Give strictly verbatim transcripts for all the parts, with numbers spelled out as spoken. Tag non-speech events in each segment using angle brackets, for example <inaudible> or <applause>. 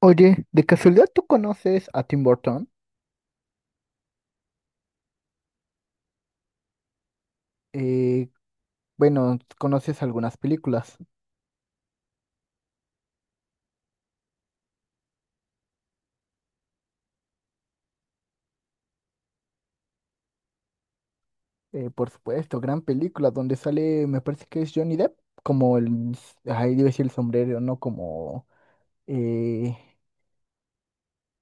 Oye, ¿de casualidad tú conoces a Tim Burton? Eh, bueno, conoces algunas películas. Eh, por supuesto, gran película, donde sale, me parece que es Johnny Depp, como el, ahí debe decir el sombrero, ¿no? Como eh,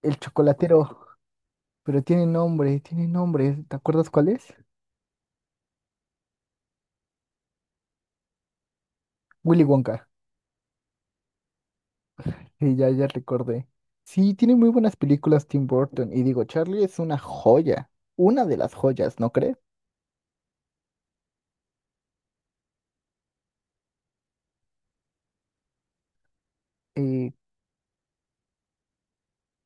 el chocolatero. Pero tiene nombre, tiene nombre, ¿te acuerdas cuál es? Willy Wonka, y ya, ya recordé. Sí, tiene muy buenas películas Tim Burton, y digo, Charlie es una joya, una de las joyas, ¿no crees? Eh,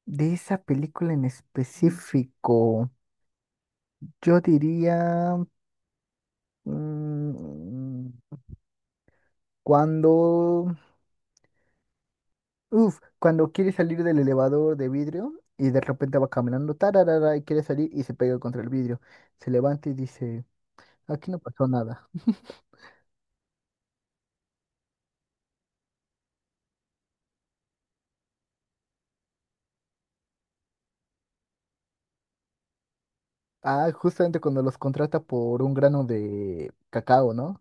De esa película en específico, yo diría mm, cuando, uf, cuando quiere salir del elevador de vidrio y de repente va caminando, tararara, y quiere salir y se pega contra el vidrio. Se levanta y dice, aquí no pasó nada. Ah, justamente cuando los contrata por un grano de cacao, ¿no?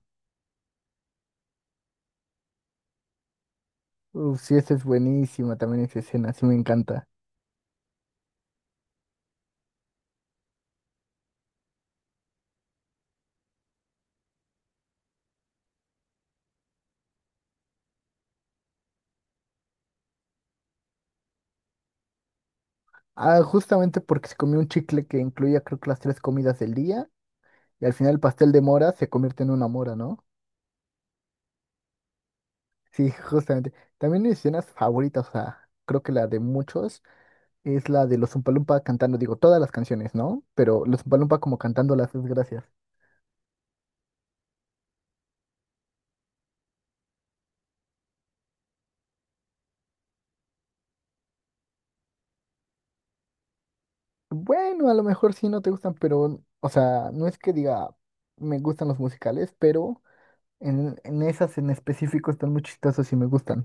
Uf, sí, esa es buenísima también esa escena, sí me encanta. Ah, justamente porque se comió un chicle que incluía creo que las tres comidas del día. Y al final el pastel de mora se convierte en una mora, ¿no? Sí, <laughs> justamente. También mis escenas favoritas, o sea, creo que la de muchos es la de los Umpalumpa cantando, digo, todas las canciones, ¿no? Pero los Umpalumpa como cantando las desgracias. Bueno, a lo mejor sí no te gustan, pero, o sea, no es que diga me gustan los musicales, pero en, en esas en específico están muy chistosos y me gustan.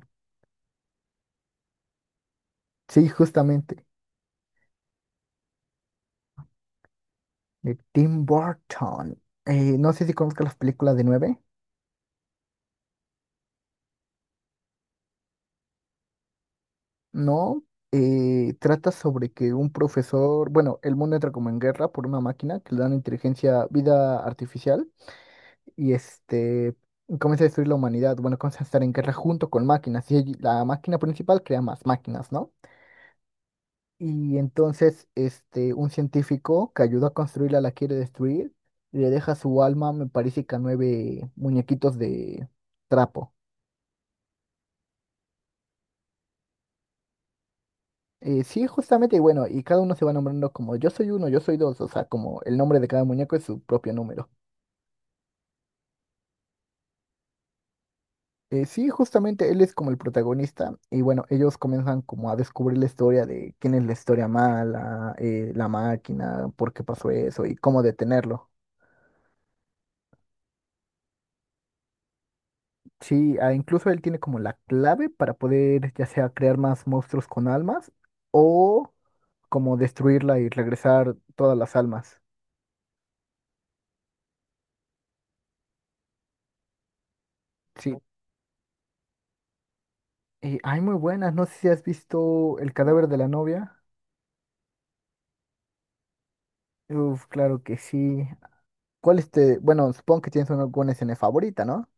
Sí, justamente. De Tim Burton. Eh, no sé si conozcas las películas de nueve. No, eh, trata sobre que un profesor, bueno, el mundo entra como en guerra por una máquina que le dan inteligencia, vida artificial, y este comienza a destruir la humanidad. Bueno, comienza a estar en guerra junto con máquinas, y allí la máquina principal crea más máquinas, ¿no? Y entonces, este, un científico que ayudó a construirla la quiere destruir, y le deja su alma, me parece que a nueve muñequitos de trapo. Eh, sí, justamente, y bueno, y cada uno se va nombrando como yo soy uno, yo soy dos, o sea, como el nombre de cada muñeco es su propio número. Eh, sí, justamente él es como el protagonista, y bueno, ellos comienzan como a descubrir la historia de quién es la historia mala, eh, la máquina, por qué pasó eso y cómo detenerlo. Sí, ah, incluso él tiene como la clave para poder ya sea crear más monstruos con almas o como destruirla y regresar todas las almas. Sí, y hay muy buenas, no sé si has visto El cadáver de la novia. Uf, claro que sí. ¿Cuál este? Bueno, supongo que tienes una, buena escena favorita, ¿no?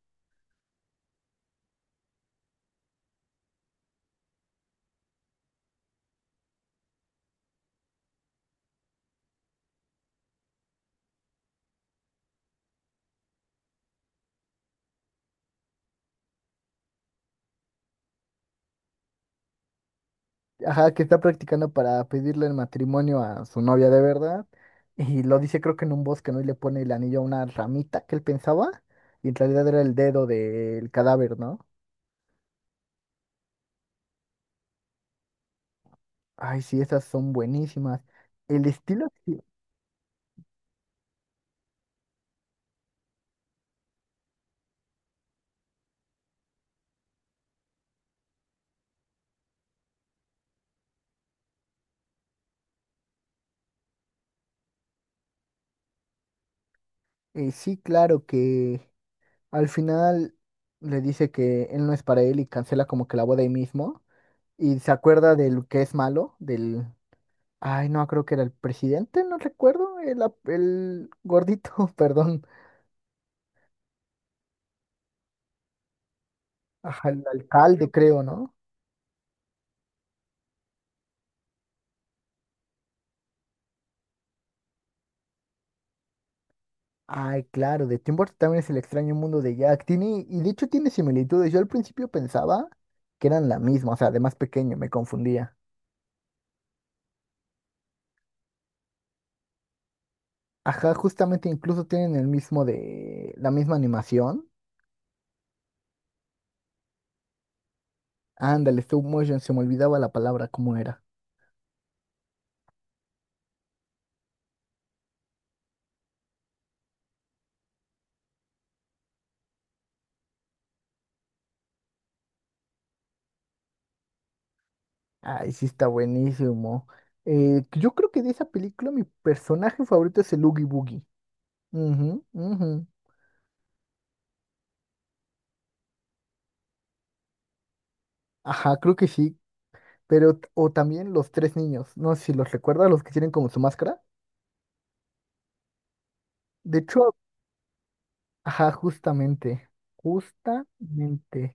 Ajá, que está practicando para pedirle el matrimonio a su novia de verdad. Y lo dice creo que en un bosque, ¿no? Y le pone el anillo a una ramita que él pensaba. Y en realidad era el dedo del cadáver, ¿no? Ay, sí, esas son buenísimas. El estilo, sí, eh, sí, claro que al final le dice que él no es para él y cancela como que la boda ahí mismo. Y se acuerda del que es malo, del... Ay, no, creo que era el presidente, no recuerdo, el, ap- el gordito, <laughs> perdón, ajá, el alcalde, creo, ¿no? Ay, claro, de Tim Burton también es el extraño mundo de Jack. Tiene, y de hecho tiene similitudes. Yo al principio pensaba que eran la misma, o sea, de más pequeño, me confundía. Ajá, justamente incluso tienen el mismo de, la misma animación. Ándale, stop motion, se me olvidaba la palabra, ¿cómo era? Ay, sí está buenísimo. Eh, yo creo que de esa película mi personaje favorito es el Oogie Boogie. Ujú, ujú. Ajá, creo que sí. Pero, t- o también los tres niños. No sé si los recuerdas, los que tienen como su máscara. De hecho, ajá, justamente. Justamente.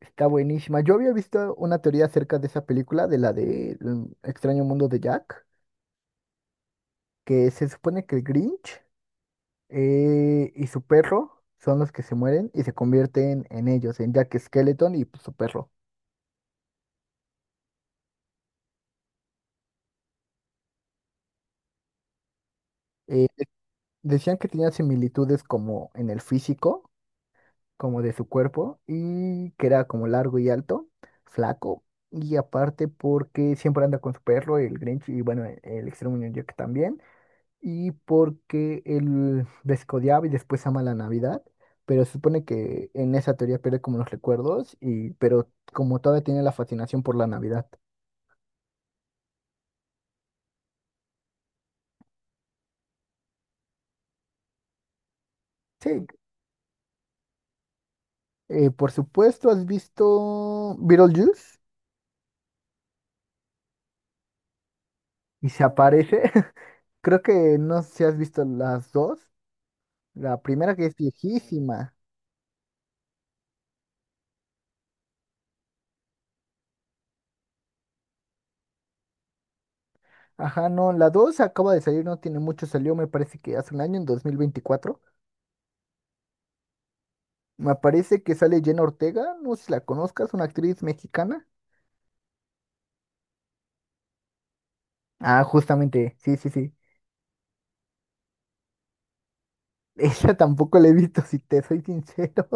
Está buenísima. Yo había visto una teoría acerca de esa película, de la de El extraño mundo de Jack, que se supone que el Grinch eh, y su perro son los que se mueren y se convierten en ellos, en Jack Skeleton y pues, su perro. Eh, Decían que tenían similitudes como en el físico, como de su cuerpo y que era como largo y alto, flaco. Y aparte porque siempre anda con su perro, el Grinch, y bueno, e- el Extremo Ñoño que también. Y porque él descodiaba y después ama la Navidad. Pero se supone que en esa teoría pierde como los recuerdos, y, pero como todavía tiene la fascinación por la Navidad. Sí, eh, por supuesto, ¿has visto Beetlejuice? Y se aparece. <laughs> Creo que no sé si has visto las dos. La primera que es viejísima. Ajá, no, la dos acaba de salir, no tiene mucho, salió me parece que hace un año, en dos mil veinticuatro. Me parece que sale Jenna Ortega, no sé si la conozcas, una actriz mexicana. Ah, justamente, sí, sí, sí. <laughs> Esa tampoco la he visto, si te soy sincero.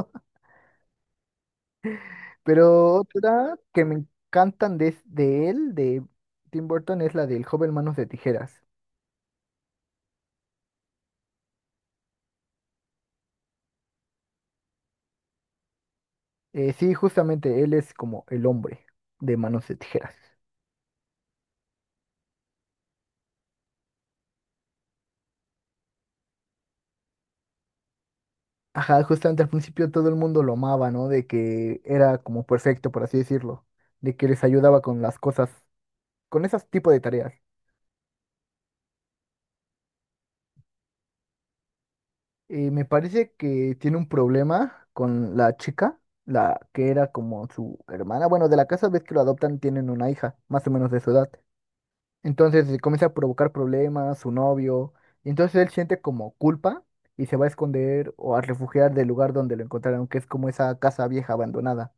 <laughs> Pero otra que me encantan de, de él, de Tim Burton, es la del joven Manos de Tijeras. Eh, sí, justamente, él es como el hombre de Manos de Tijeras. Ajá, justamente al principio todo el mundo lo amaba, ¿no? De que era como perfecto, por así decirlo, de que les ayudaba con las cosas, con esos tipos de tareas. Eh, me parece que tiene un problema con la chica, la que era como su hermana. Bueno, de la casa ves que lo adoptan, tienen una hija, más o menos de su edad. Entonces eh, comienza a provocar problemas, su novio, y entonces él siente como culpa y se va a esconder o a refugiar del lugar donde lo encontraron, que es como esa casa vieja abandonada.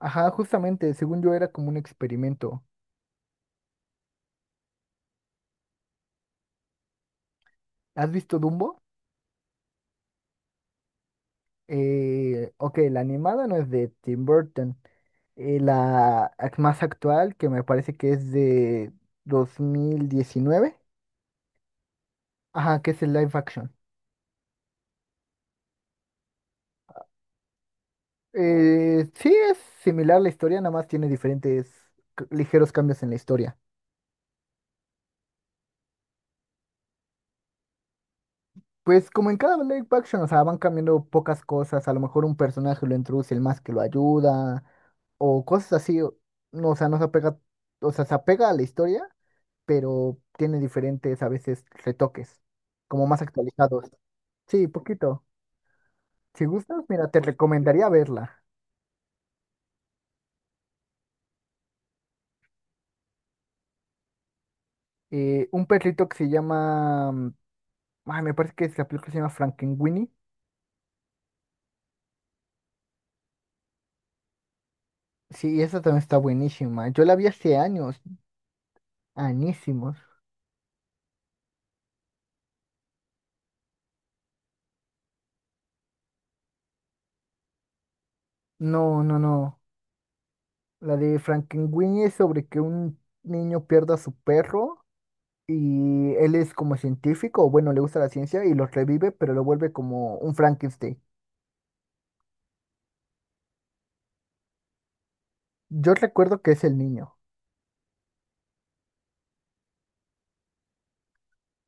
Ajá, justamente, según yo era como un experimento. ¿Has visto Dumbo? Eh, ok, la animada no es de Tim Burton. Eh, la ac- más actual, que me parece que es de dos mil diecinueve. Ajá, que es el live action. Eh, sí, es similar la historia, nada más tiene diferentes c- ligeros cambios en la historia. Pues como en cada live action, o sea, van cambiando pocas cosas, a lo mejor un personaje lo introduce el más que lo ayuda, o cosas así, o no, o sea, no se apega, o sea, se apega a la historia, pero tiene diferentes a veces retoques, como más actualizados. Sí, poquito. Si gustas, mira, te recomendaría verla. Eh, un perrito que se llama, mm, ay, me parece que es la película se llama Frankenweenie. Sí, esa también está buenísima. Yo la vi hace años, añísimos. No, no, no. La de Frankenweenie es sobre que un niño pierda a su perro y él es como científico, o bueno, le gusta la ciencia y los revive, pero lo vuelve como un Frankenstein. Yo recuerdo que es el niño.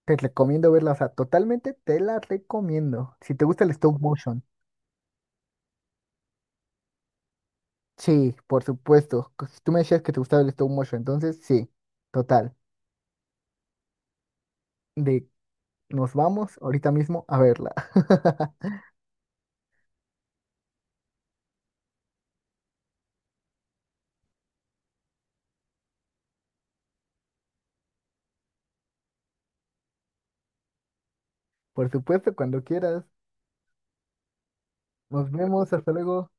Te recomiendo verla, o sea, totalmente te la recomiendo. Si te gusta el stop motion. Sí, por supuesto. Que si tú me decías que te gustaba el stop motion, entonces sí, total. De nos vamos ahorita mismo a verla. <laughs> Por supuesto, cuando quieras. Nos vemos, hasta luego.